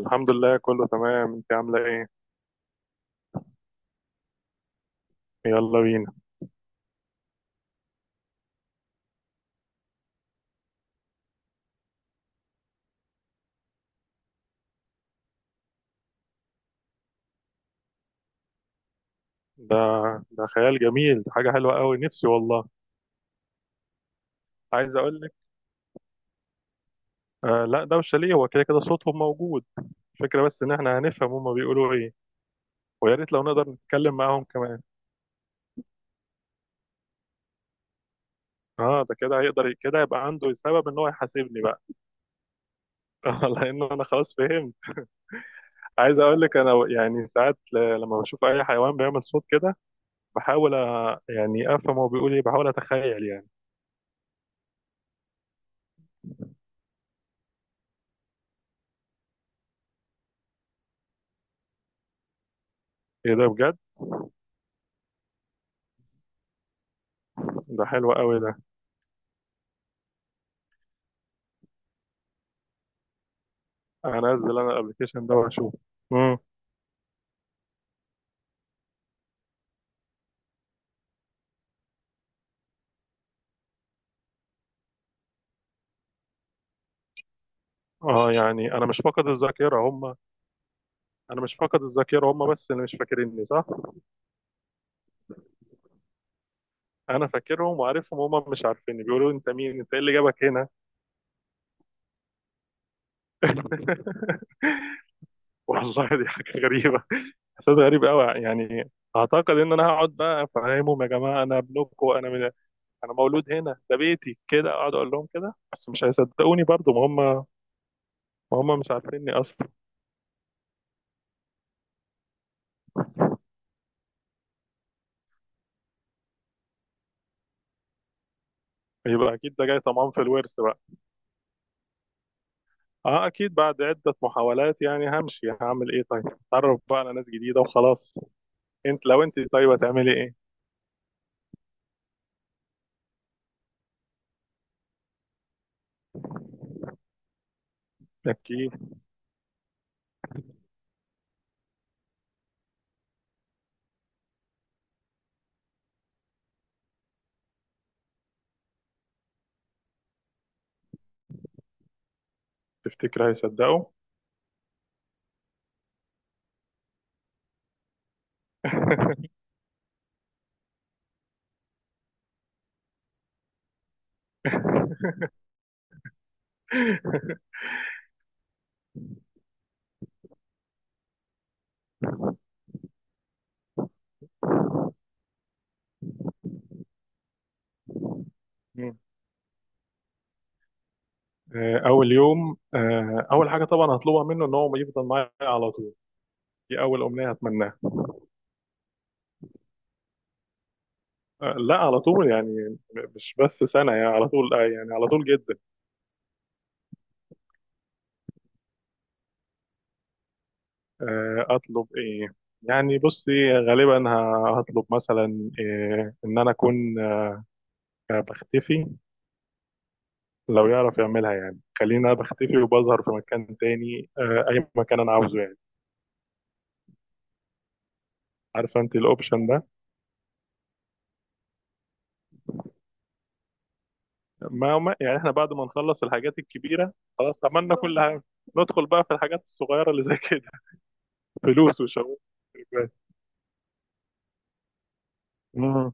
الحمد لله كله تمام، انت عامله ايه؟ يلا بينا. ده ده خيال جميل، ده حاجه حلوه قوي، نفسي والله. عايز اقول لك، آه لا ده مش شاليه، هو كده كده صوتهم موجود. الفكره بس ان احنا هنفهم هما بيقولوا ايه. ويا ريت لو نقدر نتكلم معاهم كمان. اه ده كده هيقدر كده يبقى عنده سبب ان هو يحاسبني بقى. لان انا خلاص فهمت. عايز اقول لك انا يعني ساعات لما بشوف اي حيوان بيعمل صوت كده، بحاول يعني افهم هو بيقول ايه، بحاول اتخيل يعني. ايه ده بجد؟ ده حلو قوي ده. هنزل انا الابلكيشن ده واشوف. امم اه يعني انا مش فاقد الذاكره هم. انا مش فاقد الذاكره هم، بس اللي مش فاكريني صح. انا فاكرهم وعارفهم، هم مش عارفيني، بيقولوا انت مين، انت ايه اللي جابك هنا. والله دي حاجه غريبه، احساس غريب قوي يعني. اعتقد ان انا هقعد بقى افهمهم، يا جماعه انا ابنكم، انا من، انا مولود هنا، ده بيتي، كده اقعد اقول لهم كده، بس مش هيصدقوني برضو، ما هم مش عارفيني اصلا. يبقى اكيد ده جاي طمعان في الورث. اه اكيد بعد عدة محاولات يعني همشي، هعمل ايه طيب، اتعرف بقى على ناس جديدة وخلاص. انت لو انت طيب هتعملي ايه؟ اكيد. تفتكر هيصدقوا؟ مم. آه، اول يوم آه، اول حاجة طبعا هطلبها منه ان هو يفضل معايا على طول. دي اول امنية هتمناها. آه، لا على طول يعني، مش بس سنة يعني، على طول آه، يعني على طول جدا. آه، اطلب ايه؟ يعني بصي غالبا هطلب مثلا آه، ان انا اكون آه، بختفي. لو يعرف يعملها يعني، خليني انا بختفي وبظهر في مكان تاني آه، اي مكان انا عاوزه يعني. عارفه انت الاوبشن ده. يعني احنا بعد ما نخلص الحاجات الكبيره، خلاص عملنا كل حاجه، ندخل بقى في الحاجات الصغيره اللي زي كده. فلوس وشغل. امم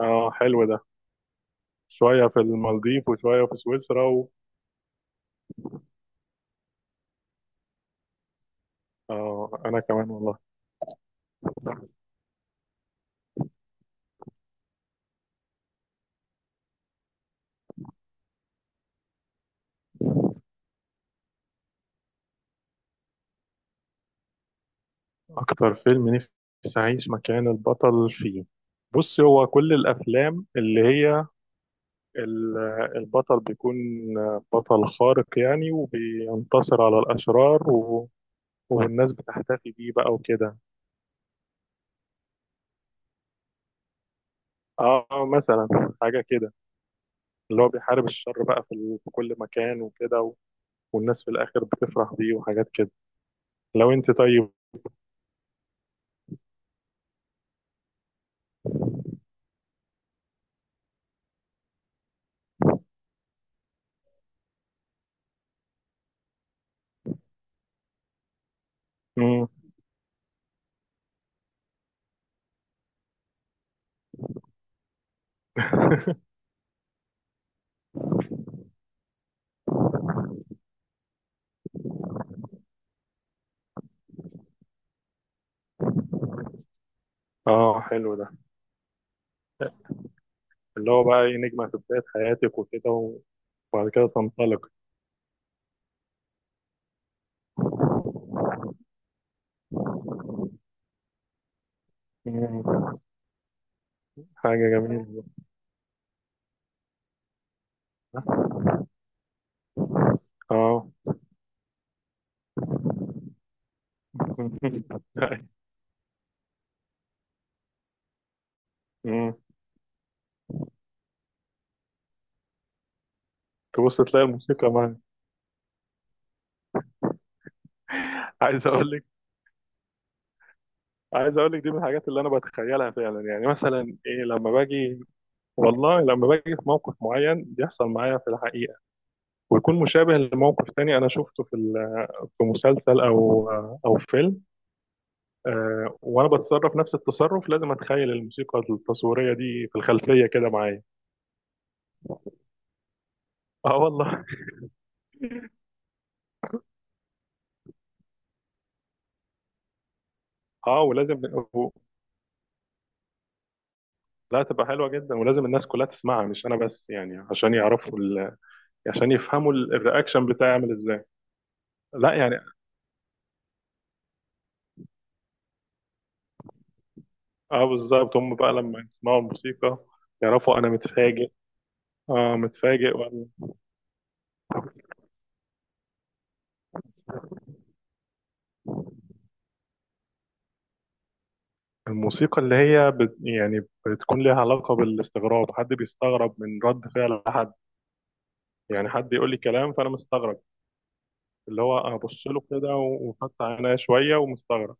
اه حلو ده. شويه في المالديف وشويه في سويسرا و... اه انا كمان والله. اكتر فيلم نفسي اعيش مكان البطل فيه، بص هو كل الافلام اللي هي ال- البطل بيكون بطل خارق يعني، وبينتصر على الأشرار و... والناس بتحتفي بيه بقى وكده. اه مثلا، حاجة كده. اللي هو بيحارب الشر بقى في, ال... في كل مكان وكده و... والناس في الآخر بتفرح بيه وحاجات كده. لو انت طيب. مم. اه حلو ده. اللي هو بقى ايه، نجمة في بداية حياتك وكده، وبعد كده تنطلق. مم. حاجة جميلة. اه. مم. تبص تلاقي الموسيقى معاك. عايز اقول لك، عايز اقول لك دي من الحاجات اللي انا بتخيلها فعلا، يعني مثلا ايه لما باجي، والله لما باجي في موقف معين بيحصل معايا في الحقيقه، ويكون مشابه لموقف تاني انا شفته في في مسلسل او او فيلم، آه وانا بتصرف نفس التصرف، لازم اتخيل الموسيقى التصويريه دي في الخلفيه كده معايا. اه والله. اه ولازم و- لا تبقى حلوه جدا، ولازم الناس كلها تسمعها مش انا بس يعني، عشان يعرفوا ال... عشان يفهموا الرياكشن بتاعي عامل ازاي. لا يعني. اه بالظبط، هم بقى لما يسمعوا الموسيقى يعرفوا انا متفاجئ. اه متفاجئ، الموسيقى اللي هي بت يعني بتكون ليها علاقة بالاستغراب، حد بيستغرب من رد فعل حد، يعني حد يقول لي كلام فانا مستغرب، اللي هو ابص له كده وفتح عينيا شوية ومستغرب.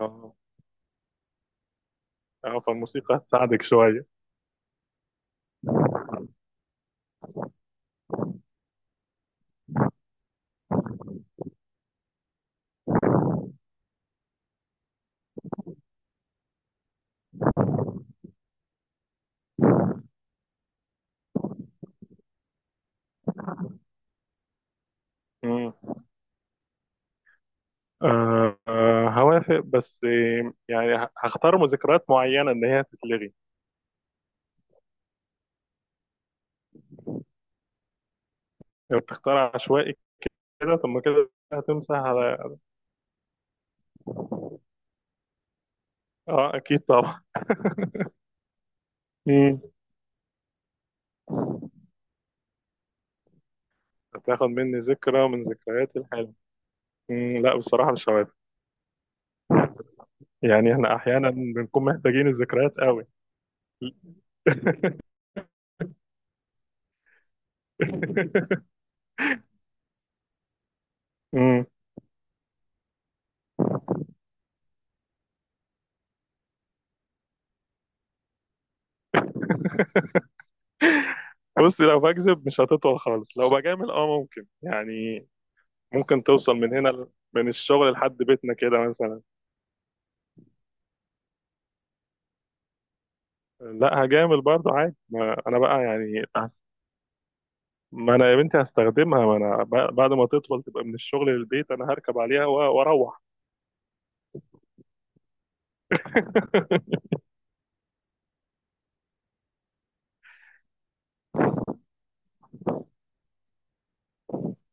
اه. اه فالموسيقى هتساعدك شوية. مم. آه آه هوافق، بس آه، يعني هختار ذكريات معينة ان هي تتلغي. لو تختار عشوائي، كده ثم كده هتمسح على. اه اكيد طبعا. مم. هتاخد مني ذكرى من ذكرياتي الحلوة. مم. لا بصراحة مش هوافق، يعني احنا احيانا بنكون محتاجين الذكريات قوي. مم. بص لو بكذب مش هتطول خالص، لو بجامل اه ممكن يعني، ممكن توصل من هنا من الشغل لحد بيتنا كده مثلا. لا هجامل برضه عادي، ما انا بقى يعني ما انا يا بنتي هستخدمها، ما انا بعد ما تطول تبقى من الشغل للبيت انا هركب عليها واروح.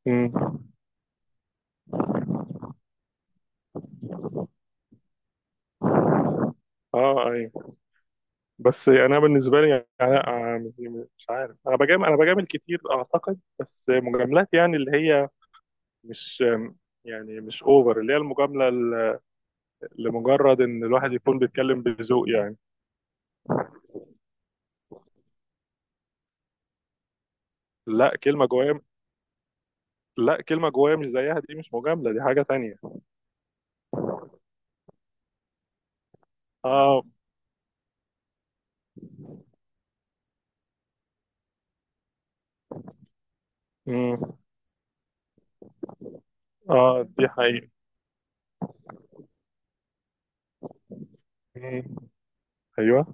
مم. اه ايوه. بس يعني انا بالنسبه لي يعني يعني أنا آه، مش عارف، انا بجامل، انا بجامل كتير اعتقد، بس مجاملات يعني اللي هي مش، يعني مش اوفر، اللي هي المجامله لمجرد ان الواحد يكون بيتكلم بذوق يعني. لا كلمه جوايا، لا كلمه جوايا مش زيها، دي مش مجامله، دي حاجه تانية. اه. امم. اه دي حقيقة. امم. ايوه.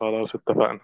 خلاص اتفقنا.